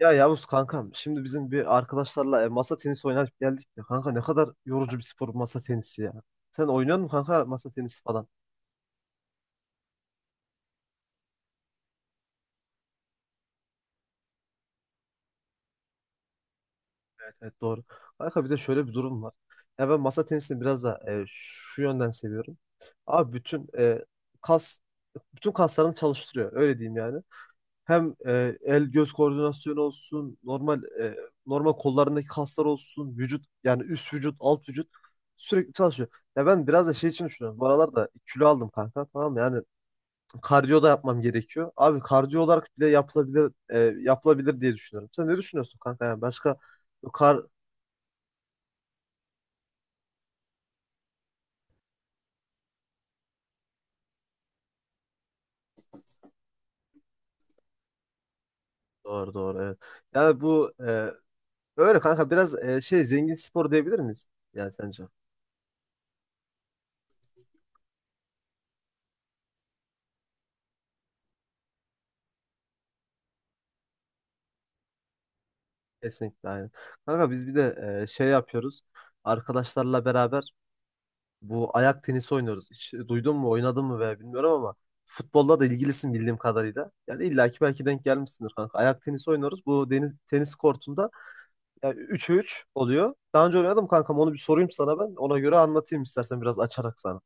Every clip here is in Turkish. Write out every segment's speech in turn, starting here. Ya Yavuz kankam şimdi bizim bir arkadaşlarla masa tenisi oynayıp geldik ya. Kanka ne kadar yorucu bir spor bu masa tenisi ya. Sen oynuyor musun kanka masa tenisi falan? Evet, evet, doğru. Kanka bir de şöyle bir durum var. Ya ben masa tenisini biraz da şu yönden seviyorum. Abi kas bütün kaslarını çalıştırıyor öyle diyeyim yani. Hem el göz koordinasyonu olsun, normal kollarındaki kaslar olsun, vücut yani üst vücut, alt vücut sürekli çalışıyor. Ya ben biraz da şey için düşünüyorum. Bu aralar da kilo aldım kanka, tamam mı? Yani kardiyo da yapmam gerekiyor. Abi kardiyo olarak bile yapılabilir diye düşünüyorum. Sen ne düşünüyorsun kanka? Yani başka... bu kar Doğru, doğru, evet. Yani bu öyle kanka biraz şey, zengin spor diyebilir miyiz? Yani sence? Kesinlikle, aynen. Kanka biz bir de şey yapıyoruz arkadaşlarla beraber. Bu ayak tenisi oynuyoruz. Hiç duydun mu, oynadın mı veya bilmiyorum ama futbolla da ilgilisin bildiğim kadarıyla. Yani illaki belki denk gelmişsindir kanka. Ayak tenisi oynuyoruz. Bu deniz tenis kortunda yani 3'e 3 oluyor. Daha önce oynadım kankam, onu bir sorayım sana ben. Ona göre anlatayım istersen, biraz açarak sana.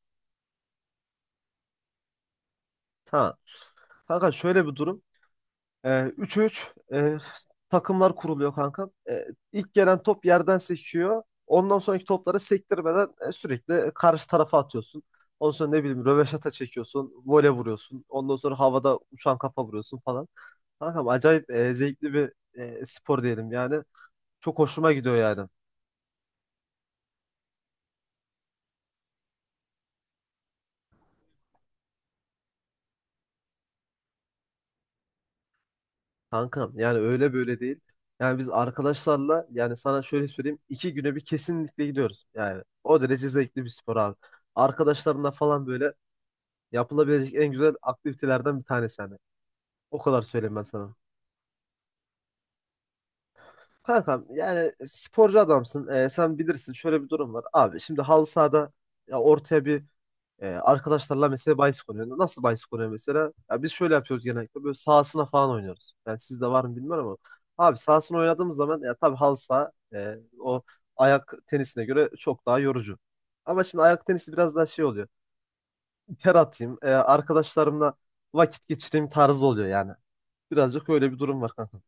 Ha. Kanka şöyle bir durum. Ee, 3-3 takımlar kuruluyor kanka. İlk gelen top yerden seçiyor. Ondan sonraki topları sektirmeden sürekli karşı tarafa atıyorsun. Ondan sonra ne bileyim röveşata çekiyorsun, vole vuruyorsun. Ondan sonra havada uçan kafa vuruyorsun falan. Kankam acayip zevkli bir spor diyelim yani. Çok hoşuma gidiyor yani. Kankam yani öyle böyle değil. Yani biz arkadaşlarla, yani sana şöyle söyleyeyim, iki güne bir kesinlikle gidiyoruz. Yani o derece zevkli bir spor abi. Arkadaşlarınla falan böyle yapılabilecek en güzel aktivitelerden bir tanesi hani. O kadar söyleyeyim ben sana. Kankam yani sporcu adamsın. Sen bilirsin, şöyle bir durum var. Abi şimdi halı sahada ya ortaya bir arkadaşlarla mesela bahis konuyor. Nasıl bahis konuyor mesela? Ya biz şöyle yapıyoruz genellikle. Böyle sahasına falan oynuyoruz. Yani sizde var mı bilmiyorum ama. Abi sahasına oynadığımız zaman ya tabii halı saha o ayak tenisine göre çok daha yorucu. Ama şimdi ayak tenisi biraz daha şey oluyor. Ter atayım, arkadaşlarımla vakit geçireyim tarzı oluyor yani. Birazcık öyle bir durum var kanka.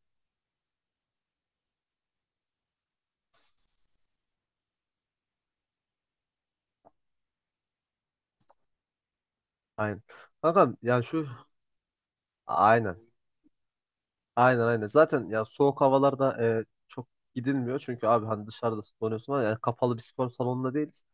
Aynen. Kanka yani şu... aynen. Aynen, aynen. Zaten ya soğuk havalarda çok gidilmiyor. Çünkü abi hani dışarıda donuyorsun, ama yani kapalı bir spor salonunda değiliz.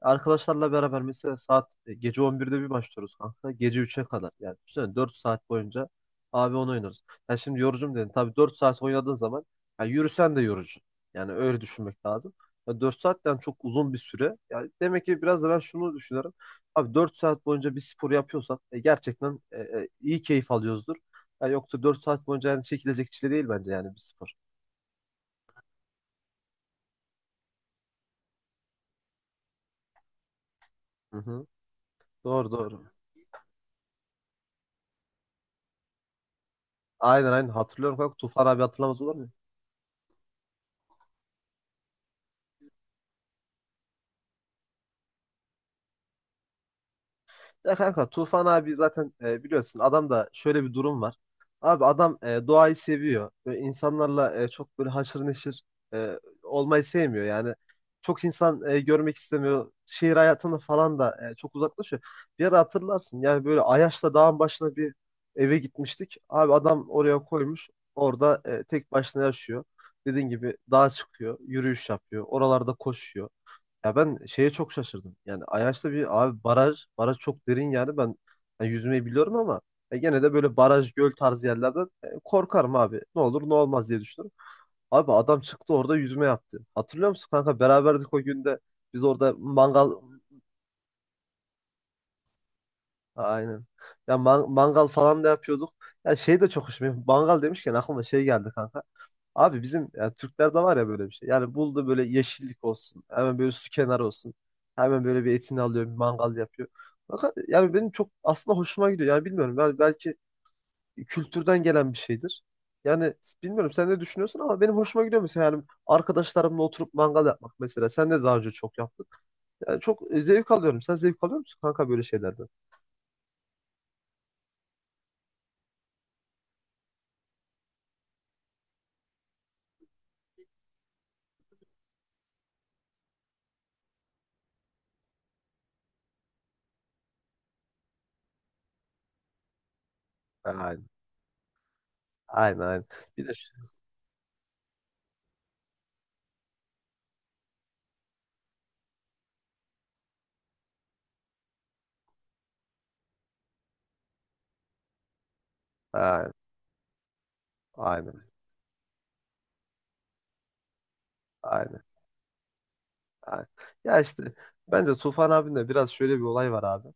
Arkadaşlarla beraber mesela saat gece 11'de bir başlıyoruz kanka. Gece 3'e kadar. Yani düşünsene 4 saat boyunca abi onu oynuyoruz. Yani şimdi yorucum dedin. Tabii 4 saat oynadığın zaman ya yürüsen de yorucu. Yani öyle düşünmek lazım. Ya 4 saatten çok uzun bir süre. Yani demek ki biraz da ben şunu düşünüyorum. Abi 4 saat boyunca bir spor yapıyorsak gerçekten iyi keyif alıyoruzdur. Ya yoksa 4 saat boyunca yani çekilecek çile değil bence yani bir spor. Hı hı. Doğru, doğru. Aynen, aynen, hatırlıyorum kanka. Tufan abi hatırlamaz olur mu? Ya kanka Tufan abi zaten biliyorsun adam da şöyle bir durum var. Abi adam doğayı seviyor. Böyle insanlarla çok böyle haşır neşir olmayı sevmiyor. Yani çok insan görmek istemiyor. Şehir hayatını falan da çok uzaklaşıyor. Bir ara hatırlarsın yani böyle Ayaş'ta dağın başına bir eve gitmiştik. Abi adam oraya koymuş. Orada tek başına yaşıyor. Dediğin gibi dağa çıkıyor, yürüyüş yapıyor, oralarda koşuyor. Ya ben şeye çok şaşırdım. Yani Ayaş'ta bir abi baraj çok derin, yani ben yani yüzmeyi biliyorum ama gene de böyle baraj, göl tarzı yerlerden korkarım abi. Ne olur ne olmaz diye düşünürüm. Abi adam çıktı orada yüzme yaptı. Hatırlıyor musun kanka, beraberdik o günde. Biz orada mangal... Aynen. Ya mangal falan da yapıyorduk. Ya şey de çok hoşuma. Mangal demişken aklıma şey geldi kanka. Abi bizim ya Türklerde var ya böyle bir şey. Yani buldu böyle yeşillik olsun, hemen böyle su kenarı olsun. Hemen böyle bir etini alıyor, bir mangal yapıyor. Fakat yani benim çok aslında hoşuma gidiyor. Yani bilmiyorum. Yani belki kültürden gelen bir şeydir. Yani bilmiyorum sen ne düşünüyorsun ama benim hoşuma gidiyor mesela, yani arkadaşlarımla oturup mangal yapmak mesela. Sen de daha önce çok yaptın. Yani çok zevk alıyorum. Sen zevk alıyor musun kanka böyle şeylerden? Aynen. Aynen, aynen. Bir de aynen, aynen, aynen. Aynen. Ya işte bence Tufan abinde biraz şöyle bir olay var abi.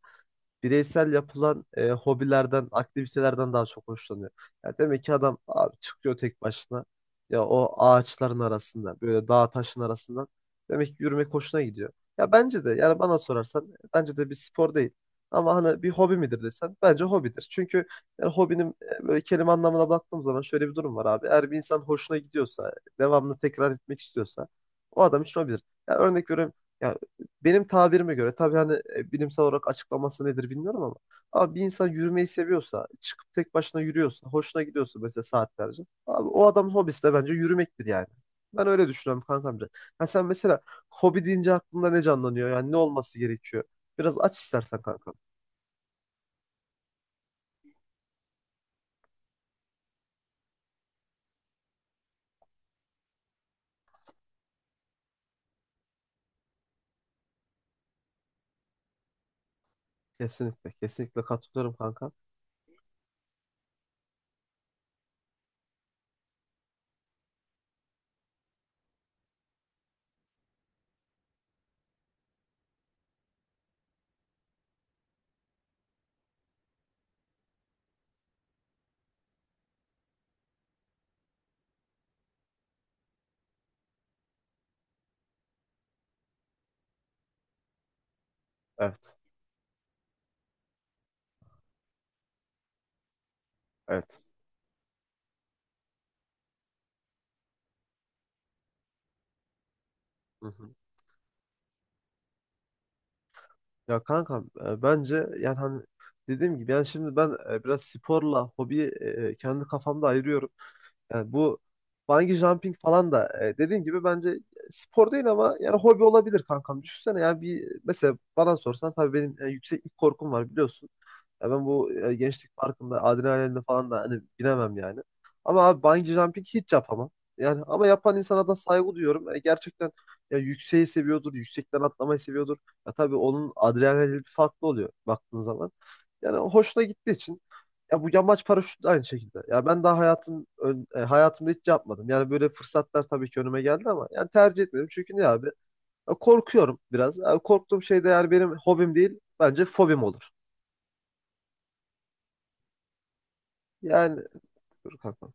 Bireysel yapılan hobilerden, aktivitelerden daha çok hoşlanıyor. Ya demek ki adam abi çıkıyor tek başına. Ya o ağaçların arasında, böyle dağ taşın arasından demek ki yürümek hoşuna gidiyor. Ya bence de, yani bana sorarsan bence de bir spor değil. Ama hani bir hobi midir desen bence hobidir. Çünkü yani hobinin böyle kelime anlamına baktığım zaman şöyle bir durum var abi. Eğer bir insan hoşuna gidiyorsa, devamlı tekrar etmek istiyorsa, o adam için hobidir. Ya örnek veriyorum, ya benim tabirime göre tabii, hani bilimsel olarak açıklaması nedir bilmiyorum ama abi bir insan yürümeyi seviyorsa, çıkıp tek başına yürüyorsa, hoşuna gidiyorsa mesela saatlerce. Abi o adamın hobisi de bence yürümektir yani. Ben öyle düşünüyorum kankam. Ha sen mesela hobi deyince aklında ne canlanıyor? Yani ne olması gerekiyor? Biraz aç istersen kankam. Kesinlikle, kesinlikle katılıyorum kankam. Evet, evet. Hı hı. Ya kankam bence yani hani dediğim gibi, yani şimdi ben biraz sporla hobiyi kendi kafamda ayırıyorum. Yani bu bungee jumping falan da dediğin gibi bence spor değil ama yani hobi olabilir kankam. Düşünsene, ya bir mesela bana sorsan, tabii benim yükseklik korkum var biliyorsun. Ya ben bu gençlik parkında adrenalinle falan da hani binemem yani. Ama abi bungee jumping hiç yapamam. Yani ama yapan insana da saygı duyuyorum. Gerçekten ya yükseği seviyordur, yüksekten atlamayı seviyordur. Ya tabii onun adrenalini bir farklı oluyor baktığın zaman. Yani hoşuna gittiği için, ya bu yamaç paraşütü de aynı şekilde. Ya ben daha hayatımda hiç yapmadım. Yani böyle fırsatlar tabii ki önüme geldi ama yani tercih etmedim. Çünkü ne abi? Ya korkuyorum biraz. Ya korktuğum şey de yani benim hobim değil, bence fobim olur. Yani, dur kankam.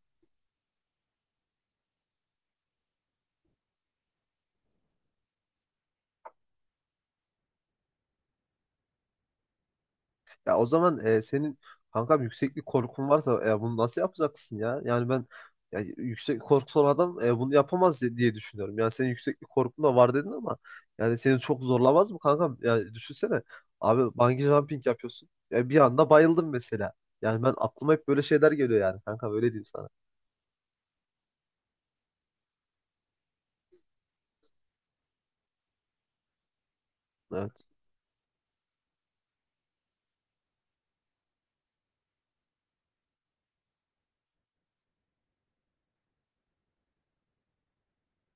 Ya o zaman senin kankam yükseklik korkun varsa bunu nasıl yapacaksın ya? Yani ben ya, yüksek korkusu olan adam bunu yapamaz diye düşünüyorum. Yani senin yükseklik korkun da var dedin ama yani seni çok zorlamaz mı kankam? Yani düşünsene abi bungee jumping yapıyorsun. Ya bir anda bayıldım mesela. Yani ben, aklıma hep böyle şeyler geliyor yani kanka, öyle diyeyim sana. Evet.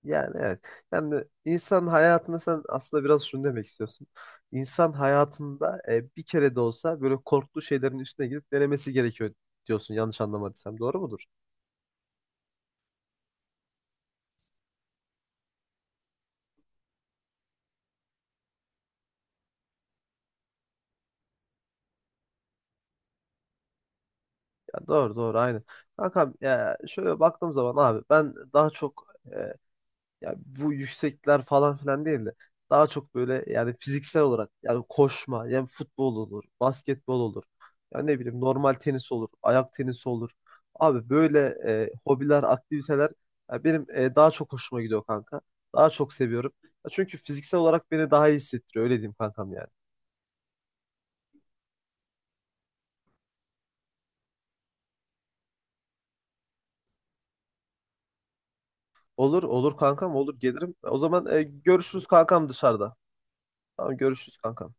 Yani evet. Yani insan hayatında sen aslında biraz şunu demek istiyorsun. İnsan hayatında bir kere de olsa böyle korktuğu şeylerin üstüne gidip denemesi gerekiyor diyorsun. Yanlış anlamadıysam. Doğru mudur? Ya doğru, doğru, aynı. Kankam ya şöyle baktığım zaman abi ben daha çok e, ya bu yüksekler falan filan değil de, daha çok böyle yani fiziksel olarak, yani koşma, yani futbol olur, basketbol olur. Ya ne bileyim normal tenis olur, ayak tenisi olur. Abi böyle hobiler, aktiviteler ya benim daha çok hoşuma gidiyor kanka. Daha çok seviyorum. Ya çünkü fiziksel olarak beni daha iyi hissettiriyor, öyle diyeyim kankam yani. Olur, olur kankam, olur gelirim. O zaman görüşürüz kankam dışarıda. Tamam, görüşürüz kankam.